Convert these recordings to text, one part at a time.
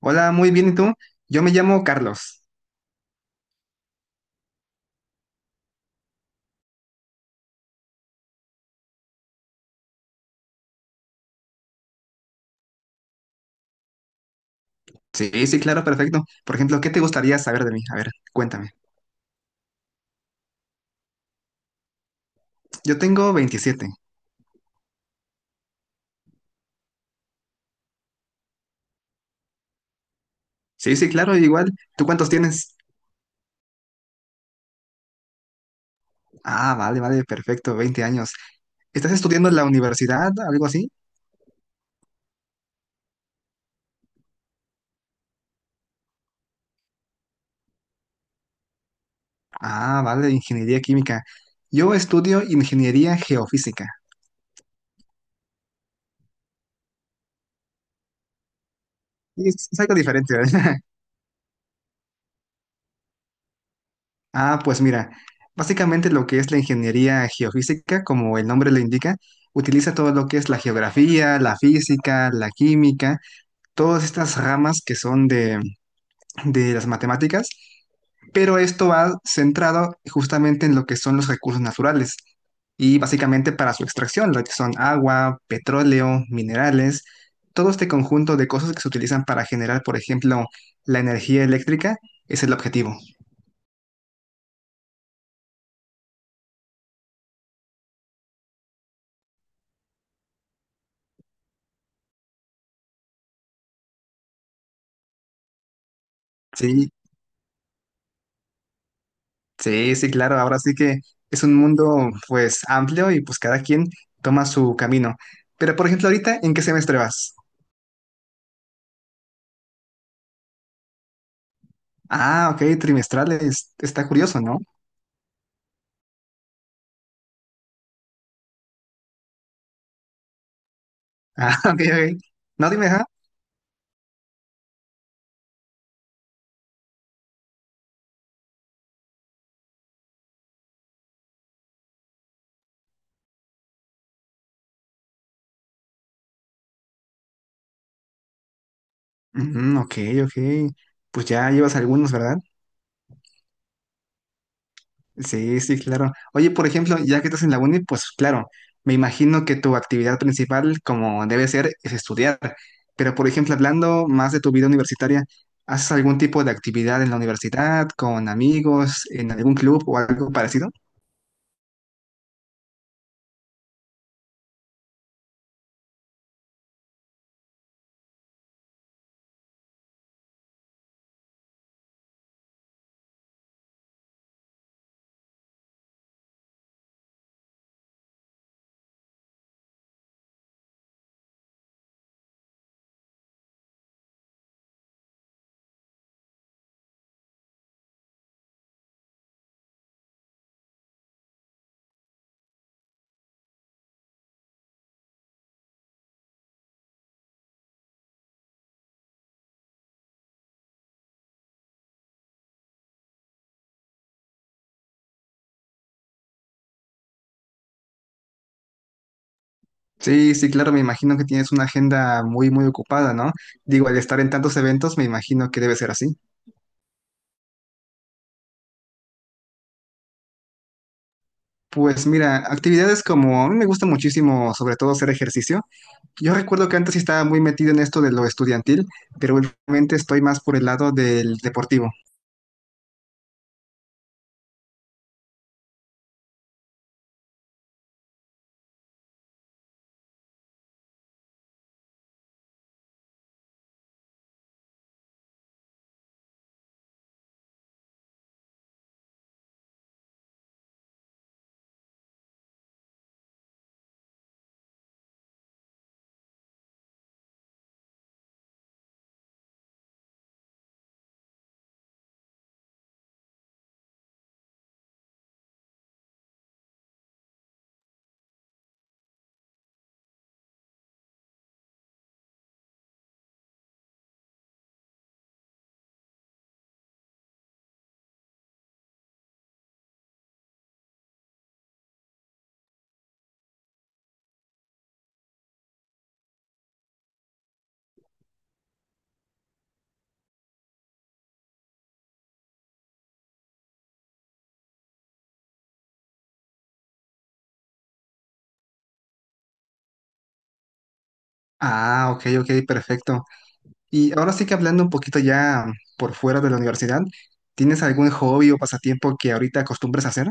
Hola, muy bien, ¿y tú? Yo me llamo Carlos. Sí, sí, claro, perfecto. Por ejemplo, ¿qué te gustaría saber de mí? A ver, cuéntame. Yo tengo 27. Sí, sí, claro, igual. ¿Tú cuántos tienes? Ah, vale, vale, perfecto, 20 años. ¿Estás estudiando en la universidad, algo así? Ah, vale, ingeniería química. Yo estudio ingeniería geofísica. Sí, es algo diferente, ¿verdad? Ah, pues mira, básicamente lo que es la ingeniería geofísica, como el nombre lo indica, utiliza todo lo que es la geografía, la física, la química, todas estas ramas que son de las matemáticas, pero esto va centrado justamente en lo que son los recursos naturales y básicamente para su extracción, lo que son agua, petróleo, minerales, todo este conjunto de cosas que se utilizan para generar, por ejemplo, la energía eléctrica, es el objetivo. Sí, sí, sí, claro, ahora sí que es un mundo pues amplio y pues cada quien toma su camino. Pero por ejemplo, ahorita, ¿en qué semestre vas? Ah, ok, trimestrales. Está curioso, ¿no? Ah, ok, ok. No, dime, ajá. Ujú, ok, ok. Pues ya llevas algunos, ¿verdad? Sí, sí, claro. Oye, por ejemplo, ya que estás en la uni, pues claro, me imagino que tu actividad principal, como debe ser, es estudiar. Pero, por ejemplo, hablando más de tu vida universitaria, ¿haces algún tipo de actividad en la universidad, con amigos, en algún club o algo parecido? Sí, sí, claro, me imagino que tienes una agenda muy, muy ocupada, ¿no? Digo, al estar en tantos eventos, me imagino que debe ser así. Pues mira, actividades como, a mí me gusta muchísimo, sobre todo hacer ejercicio. Yo recuerdo que antes sí estaba muy metido en esto de lo estudiantil, pero últimamente estoy más por el lado del deportivo. Ah, ok, ok, perfecto. Y ahora sí que hablando un poquito ya por fuera de la universidad, ¿tienes algún hobby o pasatiempo que ahorita acostumbres a hacer?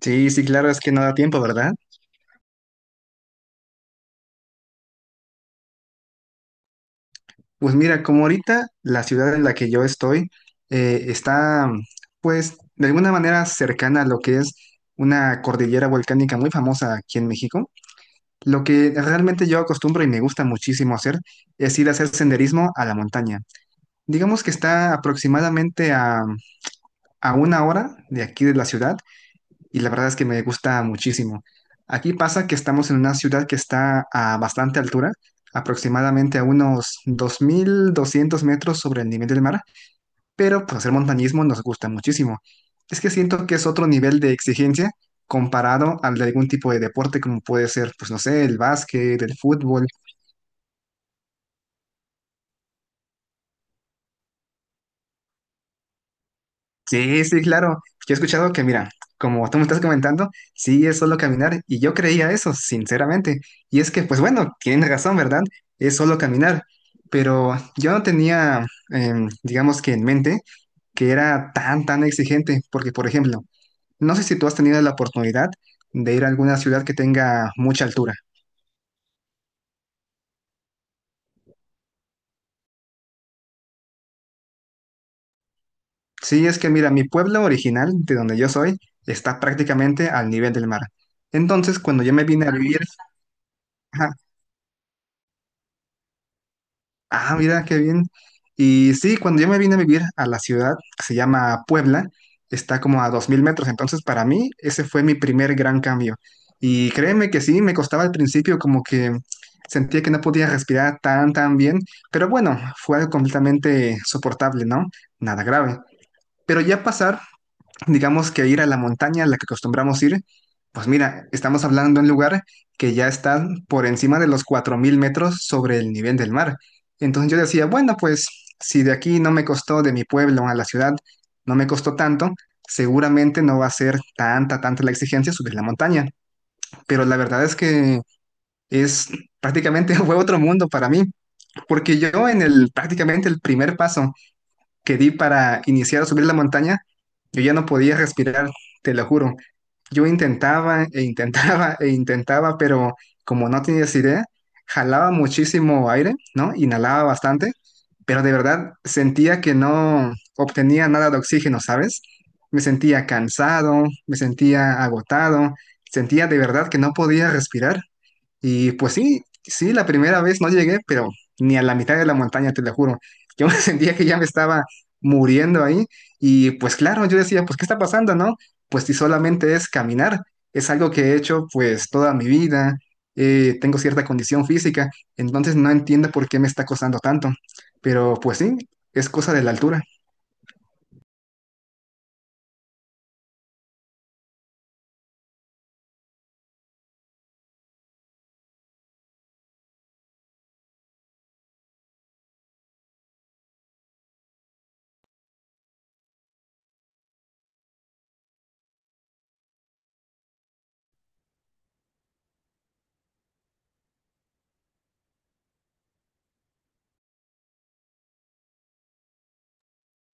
Sí, sí, claro, es que no da tiempo, ¿verdad? Pues mira, como ahorita la ciudad en la que yo estoy está, pues, de alguna manera cercana a lo que es una cordillera volcánica muy famosa aquí en México, lo que realmente yo acostumbro y me gusta muchísimo hacer es ir a hacer senderismo a la montaña. Digamos que está aproximadamente a una hora de aquí de la ciudad y la verdad es que me gusta muchísimo. Aquí pasa que estamos en una ciudad que está a bastante altura, aproximadamente a unos 2200 metros sobre el nivel del mar, pero pues hacer montañismo nos gusta muchísimo. Es que siento que es otro nivel de exigencia comparado al de algún tipo de deporte como puede ser, pues no sé, el básquet, el fútbol. Sí, sí, claro. Yo he escuchado que, mira, como tú me estás comentando, sí es solo caminar y yo creía eso, sinceramente. Y es que, pues bueno, tienes razón, ¿verdad? Es solo caminar. Pero yo no tenía, digamos que en mente, que era tan, tan exigente, porque, por ejemplo, no sé si tú has tenido la oportunidad de ir a alguna ciudad que tenga mucha altura. Sí, es que, mira, mi pueblo original, de donde yo soy, está prácticamente al nivel del mar. Entonces, cuando yo me vine a vivir, ajá. Ah, mira, qué bien. Y sí, cuando yo me vine a vivir a la ciudad, que se llama Puebla, está como a 2000 metros, entonces para mí ese fue mi primer gran cambio. Y créeme que sí, me costaba al principio como que sentía que no podía respirar tan, tan bien, pero bueno, fue algo completamente soportable, ¿no? Nada grave. Pero ya pasar, digamos que ir a la montaña a la que acostumbramos ir, pues mira, estamos hablando de un lugar que ya está por encima de los 4000 metros sobre el nivel del mar. Entonces yo decía, bueno, pues si de aquí no me costó de mi pueblo a la ciudad, no me costó tanto, seguramente no va a ser tanta, tanta la exigencia subir la montaña. Pero la verdad es que es prácticamente fue otro mundo para mí, porque yo en el prácticamente el primer paso que di para iniciar a subir la montaña, yo ya no podía respirar, te lo juro. Yo intentaba e intentaba e intentaba, pero como no tenías idea, jalaba muchísimo aire, ¿no? Inhalaba bastante, pero de verdad sentía que no obtenía nada de oxígeno, ¿sabes? Me sentía cansado, me sentía agotado, sentía de verdad que no podía respirar. Y pues sí, sí, la primera vez no llegué, pero ni a la mitad de la montaña, te lo juro. Yo me sentía que ya me estaba muriendo ahí. Y pues claro, yo decía, pues ¿qué está pasando, no? Pues si solamente es caminar, es algo que he hecho pues toda mi vida, tengo cierta condición física, entonces no entiendo por qué me está costando tanto. Pero pues sí, es cosa de la altura.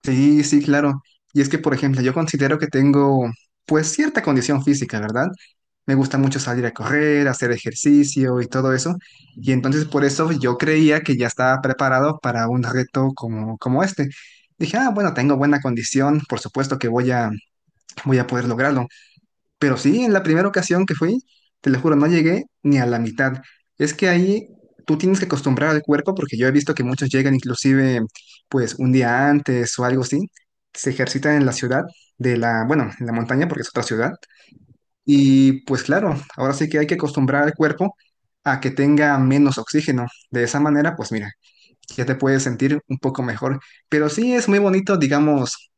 Sí, sí, claro. Y es que, por ejemplo, yo considero que tengo, pues, cierta condición física, ¿verdad? Me gusta mucho salir a correr, hacer ejercicio y todo eso. Y entonces por eso yo creía que ya estaba preparado para un reto como este. Dije, ah, bueno, tengo buena condición, por supuesto que voy a poder lograrlo. Pero sí, en la primera ocasión que fui, te lo juro, no llegué ni a la mitad. Es que ahí tú tienes que acostumbrar al cuerpo, porque yo he visto que muchos llegan inclusive pues un día antes o algo así, se ejercitan en la ciudad de la, bueno, en la montaña porque es otra ciudad. Y pues claro, ahora sí que hay que acostumbrar al cuerpo a que tenga menos oxígeno. De esa manera, pues mira, ya te puedes sentir un poco mejor. Pero sí es muy bonito, digamos,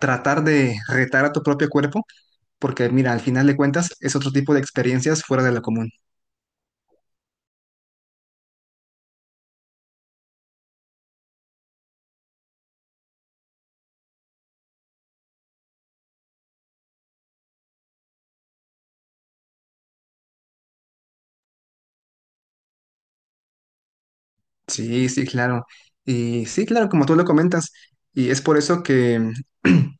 tratar de retar a tu propio cuerpo porque mira, al final de cuentas es otro tipo de experiencias fuera de lo común. Sí, sí, claro. Y sí, claro, como tú lo comentas. Y es por eso que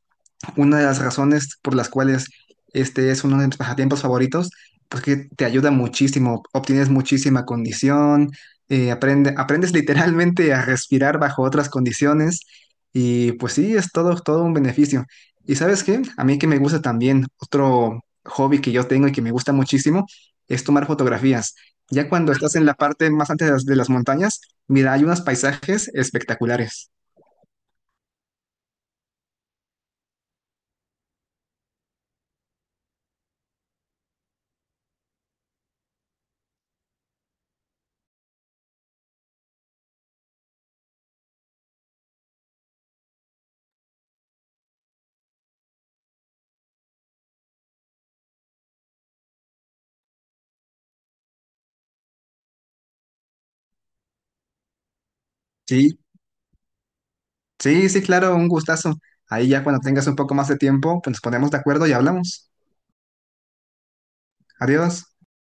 una de las razones por las cuales este es uno de mis pasatiempos favoritos, pues que te ayuda muchísimo, obtienes muchísima condición, aprendes literalmente a respirar bajo otras condiciones y pues sí, es todo un beneficio. ¿Y sabes qué? A mí que me gusta también, otro hobby que yo tengo y que me gusta muchísimo es tomar fotografías. Ya cuando estás en la parte más antes de las montañas, mira, hay unos paisajes espectaculares. Sí. Sí, sí, claro, un gustazo. Ahí ya cuando tengas un poco más de tiempo, pues nos ponemos de acuerdo y hablamos. Adiós.